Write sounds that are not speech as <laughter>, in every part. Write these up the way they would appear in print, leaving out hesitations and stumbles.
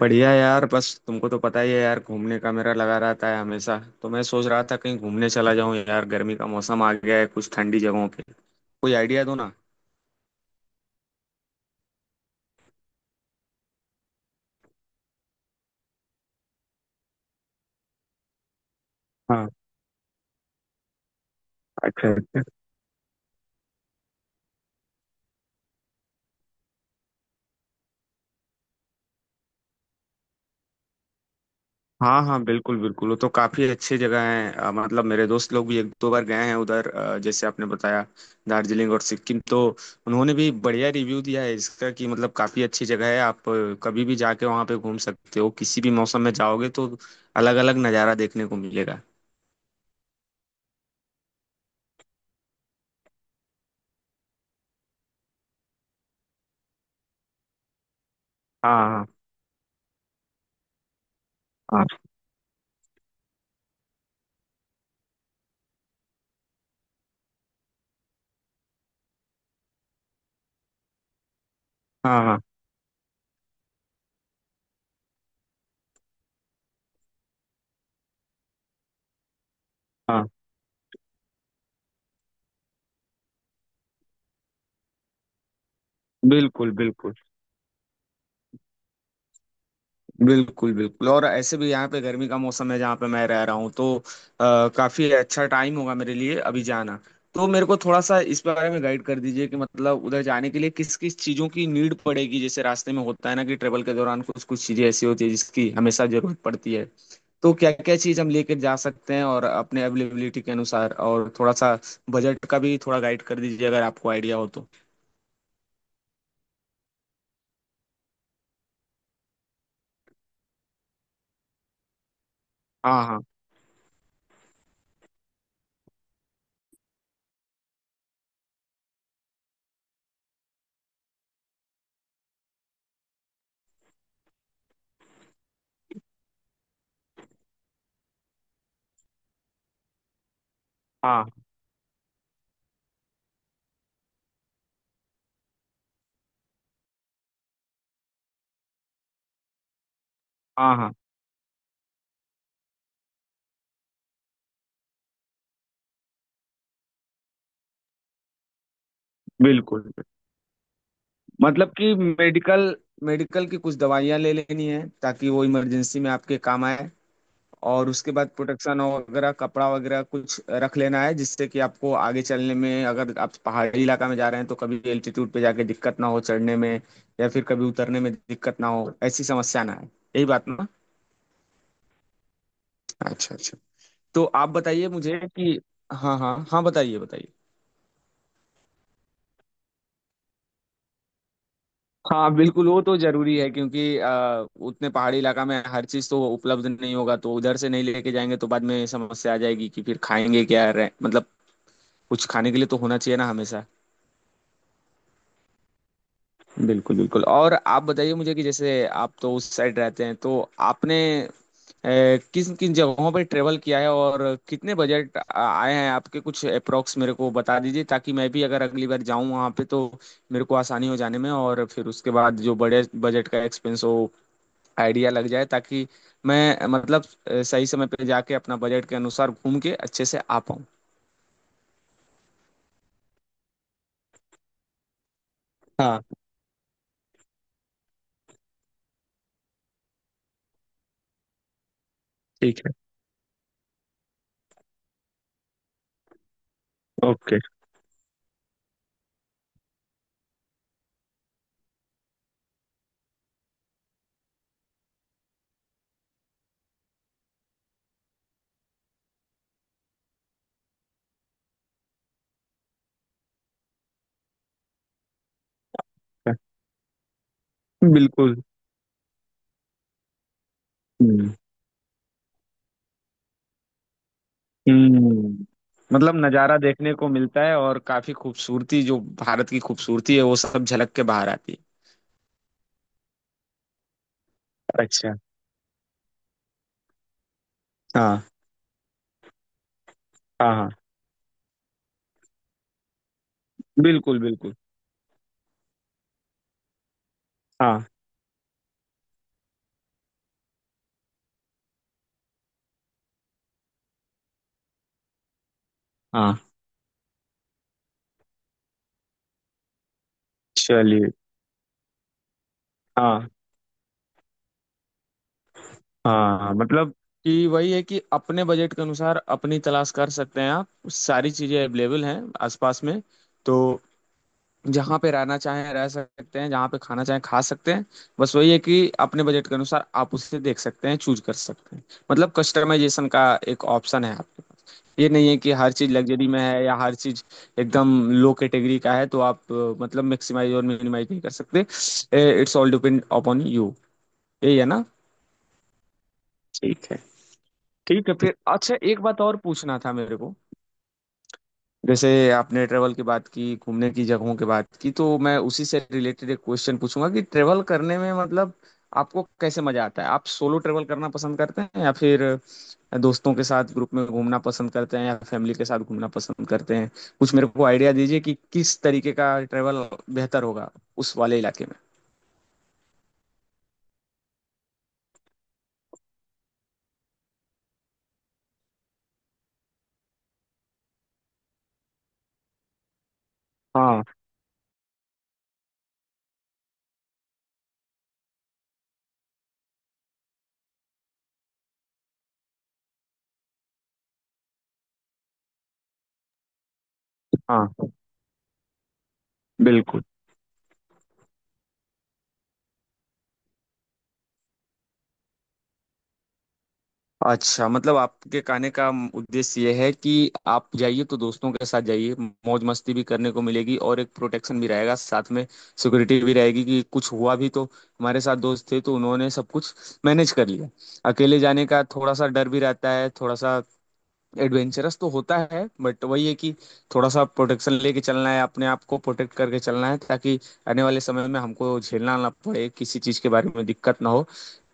बढ़िया यार। बस तुमको तो पता ही है यार, घूमने का मेरा लगा रहता है हमेशा। तो मैं सोच रहा था कहीं घूमने चला जाऊं यार। गर्मी का मौसम आ गया है, कुछ ठंडी जगहों पे कोई आइडिया दो ना। हाँ। अच्छा अच्छा। हाँ हाँ बिल्कुल बिल्कुल, वो तो काफी अच्छी जगह है। मतलब मेरे दोस्त लोग भी एक दो बार गए हैं उधर। जैसे आपने बताया, दार्जिलिंग और सिक्किम तो उन्होंने भी बढ़िया रिव्यू दिया है इसका कि मतलब काफी अच्छी जगह है। आप कभी भी जाके वहाँ पे घूम सकते हो, किसी भी मौसम में जाओगे तो अलग अलग नज़ारा देखने को मिलेगा। हाँ हाँ हाँ हाँ हाँ हाँ, बिल्कुल बिल्कुल बिल्कुल बिल्कुल। और ऐसे भी यहाँ पे गर्मी का मौसम है जहाँ पे मैं रह रहा हूँ। तो काफी अच्छा टाइम होगा मेरे लिए अभी जाना। तो मेरे को थोड़ा सा इस बारे में गाइड कर दीजिए कि मतलब उधर जाने के लिए किस किस चीजों की नीड पड़ेगी। जैसे रास्ते में होता है ना कि ट्रेवल के दौरान कुछ कुछ चीजें ऐसी होती है जिसकी हमेशा जरूरत पड़ती है। तो क्या क्या चीज हम लेकर जा सकते हैं, और अपने अवेलेबिलिटी के अनुसार और थोड़ा सा बजट का भी थोड़ा गाइड कर दीजिए अगर आपको आइडिया हो तो। हाँ हाँ हाँ हाँ हाँ हाँ, बिल्कुल। मतलब कि मेडिकल, मेडिकल की कुछ दवाइयाँ ले लेनी है ताकि वो इमरजेंसी में आपके काम आए। और उसके बाद प्रोटेक्शन वगैरह, कपड़ा वगैरह कुछ रख लेना है जिससे कि आपको आगे चलने में, अगर आप पहाड़ी इलाका में जा रहे हैं तो कभी एल्टीट्यूड पे जाके दिक्कत ना हो चढ़ने में, या फिर कभी उतरने में दिक्कत ना हो, ऐसी समस्या ना आए। यही बात ना। अच्छा अच्छा। तो आप बताइए मुझे कि, हाँ हाँ हाँ, बताइए बताइए। हाँ बिल्कुल, वो तो जरूरी है। क्योंकि उतने पहाड़ी इलाका में हर चीज तो उपलब्ध नहीं होगा। तो उधर से नहीं लेके जाएंगे तो बाद में समस्या आ जाएगी कि फिर खाएंगे क्या, रह मतलब कुछ खाने के लिए तो होना चाहिए ना हमेशा। बिल्कुल बिल्कुल। और आप बताइए मुझे कि जैसे आप तो उस साइड रहते हैं तो आपने किन किन जगहों पर ट्रेवल किया है और कितने बजट आए हैं आपके? कुछ अप्रोक्स मेरे को बता दीजिए ताकि मैं भी अगर अगली बार जाऊं वहां पे तो मेरे को आसानी हो जाने में, और फिर उसके बाद जो बड़े बजट का एक्सपेंस हो आइडिया लग जाए ताकि मैं मतलब सही समय पे जाके अपना बजट के अनुसार घूम के अच्छे से आ पाऊँ। हाँ। ठीक है। ओके। बिल्कुल। हम्म। हम्म। मतलब नज़ारा देखने को मिलता है और काफी खूबसूरती जो भारत की खूबसूरती है वो सब झलक के बाहर आती है। अच्छा। हाँ हाँ हाँ बिल्कुल बिल्कुल। हाँ हाँ। चलिए। हाँ हाँ। मतलब कि वही है कि अपने बजट के अनुसार अपनी तलाश कर सकते हैं आप। सारी चीजें अवेलेबल हैं आसपास में। तो जहाँ पे रहना चाहें रह सकते हैं, जहाँ पे खाना चाहें खा सकते हैं। बस वही है कि अपने बजट के अनुसार आप उसे देख सकते हैं, चूज कर सकते हैं। मतलब कस्टमाइजेशन का एक ऑप्शन है आपके पास। ये नहीं है कि हर चीज लग्जरी में है या हर चीज एकदम लो कैटेगरी का है। तो आप मतलब मैक्सिमाइज और मिनिमाइज नहीं कर सकते। It's all depend upon you. यही है ना। ठीक है। ठीक। ठीक है फिर। अच्छा, एक बात और पूछना था मेरे को। जैसे आपने ट्रेवल की बात की, घूमने की जगहों की बात की, तो मैं उसी से रिलेटेड एक क्वेश्चन पूछूंगा कि ट्रेवल करने में मतलब आपको कैसे मजा आता है? आप सोलो ट्रेवल करना पसंद करते हैं या फिर दोस्तों के साथ ग्रुप में घूमना पसंद करते हैं या फैमिली के साथ घूमना पसंद करते हैं? कुछ मेरे को आइडिया दीजिए कि किस तरीके का ट्रेवल बेहतर होगा उस वाले इलाके में। हाँ हाँ। बिल्कुल। अच्छा, मतलब आपके कहने का उद्देश्य यह है कि आप जाइए तो दोस्तों के साथ जाइए। मौज मस्ती भी करने को मिलेगी और एक प्रोटेक्शन भी रहेगा साथ में, सिक्योरिटी भी रहेगी कि कुछ हुआ भी तो हमारे साथ दोस्त थे तो उन्होंने सब कुछ मैनेज कर लिया। अकेले जाने का थोड़ा सा डर भी रहता है। थोड़ा सा एडवेंचरस तो होता है, बट वही है कि थोड़ा सा प्रोटेक्शन लेके चलना है, अपने आप को प्रोटेक्ट करके चलना है ताकि आने वाले समय में हमको झेलना ना पड़े किसी चीज़ के बारे में, दिक्कत ना हो।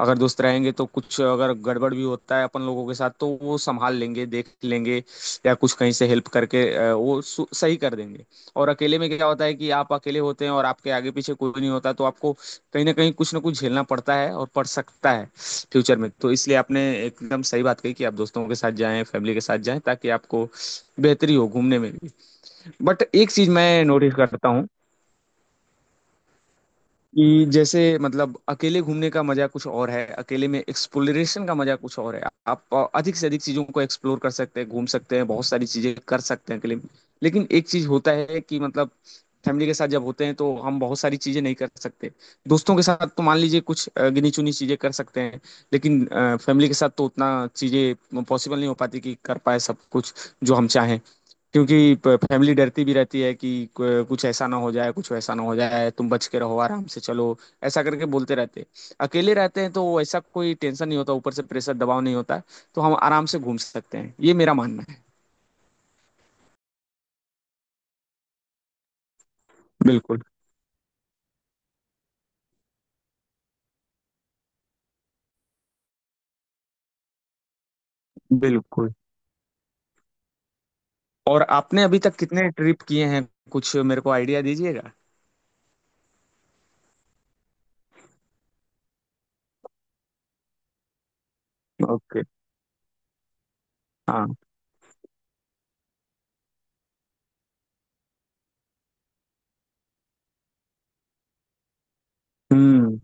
अगर दोस्त रहेंगे तो कुछ अगर गड़बड़ भी होता है अपन लोगों के साथ तो वो संभाल लेंगे, देख लेंगे, या कुछ कहीं से हेल्प करके वो सही कर देंगे। और अकेले में क्या होता है कि आप अकेले होते हैं और आपके आगे पीछे कोई नहीं होता, तो आपको कहीं ना कहीं कुछ ना कुछ झेलना पड़ता है और पड़ सकता है फ्यूचर में। तो इसलिए आपने एकदम सही बात कही कि आप दोस्तों के साथ जाएं फैमिली के साथ जाएं ताकि आपको बेहतरी हो घूमने में भी। बट एक चीज मैं नोटिस करता हूँ कि जैसे मतलब अकेले घूमने का मजा कुछ और है, अकेले में एक्सप्लोरेशन का मजा कुछ और है। आप अधिक से अधिक चीजों को एक्सप्लोर कर सकते हैं, घूम सकते हैं, बहुत सारी चीजें कर सकते हैं अकेले में। लेकिन एक चीज होता है कि मतलब फैमिली के साथ जब होते हैं तो हम बहुत सारी चीजें नहीं कर सकते। दोस्तों के साथ तो मान लीजिए कुछ गिनी चुनी चीजें कर सकते हैं। लेकिन फैमिली के साथ तो उतना चीजें पॉसिबल नहीं हो पाती कि कर पाए सब कुछ जो हम चाहें। क्योंकि फैमिली डरती भी रहती है कि कुछ ऐसा ना हो जाए, कुछ वैसा ना हो जाए, तुम बच के रहो, आराम से चलो, ऐसा करके बोलते रहते हैं। अकेले रहते हैं तो ऐसा कोई टेंशन नहीं होता, ऊपर से प्रेशर दबाव नहीं होता। तो हम आराम से घूम सकते हैं, ये मेरा मानना है। बिल्कुल बिल्कुल। और आपने अभी तक कितने ट्रिप किए हैं? कुछ मेरे को आइडिया दीजिएगा। ओके। हाँ। हम्म।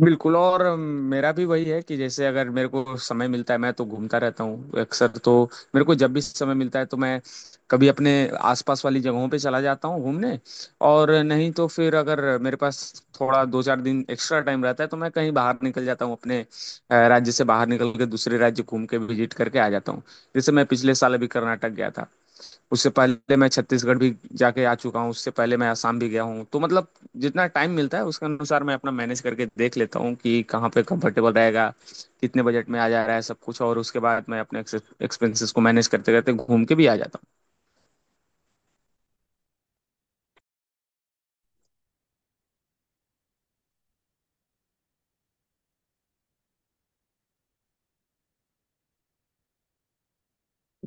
बिल्कुल। और मेरा भी वही है कि जैसे अगर मेरे को समय मिलता है मैं तो घूमता रहता हूँ अक्सर। तो मेरे को जब भी समय मिलता है तो मैं कभी अपने आसपास वाली जगहों पे चला जाता हूँ घूमने, और नहीं तो फिर अगर मेरे पास थोड़ा दो चार दिन एक्स्ट्रा टाइम रहता है तो मैं कहीं बाहर निकल जाता हूँ, अपने राज्य से बाहर निकल के दूसरे राज्य घूम के विजिट करके आ जाता हूँ। जैसे मैं पिछले साल अभी कर्नाटक गया था, उससे पहले मैं छत्तीसगढ़ भी जाके आ चुका हूँ, उससे पहले मैं आसाम भी गया हूँ। तो मतलब जितना टाइम मिलता है उसके अनुसार मैं अपना मैनेज करके देख लेता हूँ कि कहाँ पे कंफर्टेबल रहेगा, कितने बजट में आ जा रहा है सब कुछ, और उसके बाद मैं अपने एक्सपेंसेस को मैनेज करते करते घूम के भी आ जाता।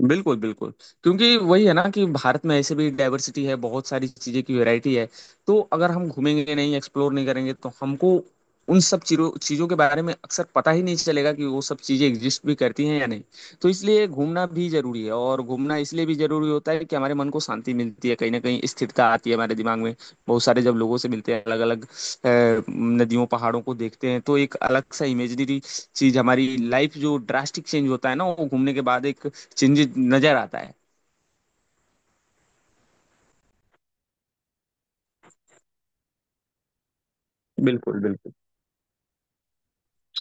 बिल्कुल बिल्कुल। क्योंकि वही है ना कि भारत में ऐसे भी डाइवर्सिटी है, बहुत सारी चीजें की वैरायटी है। तो अगर हम घूमेंगे नहीं, एक्सप्लोर नहीं करेंगे तो हमको उन सब चीजों चीजों के बारे में अक्सर पता ही नहीं चलेगा कि वो सब चीजें एग्जिस्ट भी करती हैं या नहीं। तो इसलिए घूमना भी जरूरी है। और घूमना इसलिए भी जरूरी होता है कि हमारे मन को शांति मिलती है, कहीं ना कहीं स्थिरता आती है हमारे दिमाग में। बहुत सारे जब लोगों से मिलते हैं, अलग अलग नदियों पहाड़ों को देखते हैं, तो एक अलग सा इमेजिनरी चीज हमारी लाइफ जो ड्रास्टिक चेंज होता है ना वो घूमने के बाद एक चेंजेस नजर आता है। बिल्कुल बिल्कुल।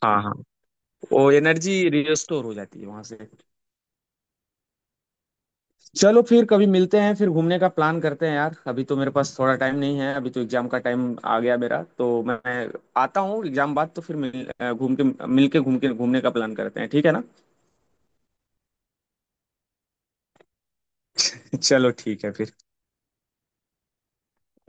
हाँ हाँ। वो एनर्जी रिस्टोर हो जाती है वहां से। चलो फिर कभी मिलते हैं, फिर घूमने का प्लान करते हैं यार। अभी तो मेरे पास थोड़ा टाइम नहीं है, अभी तो एग्जाम का टाइम आ गया मेरा। तो मैं आता हूँ एग्जाम बाद, तो फिर मिल घूम के मिल के घूम के घूमने का प्लान करते हैं, ठीक है ना? <laughs> चलो ठीक है फिर।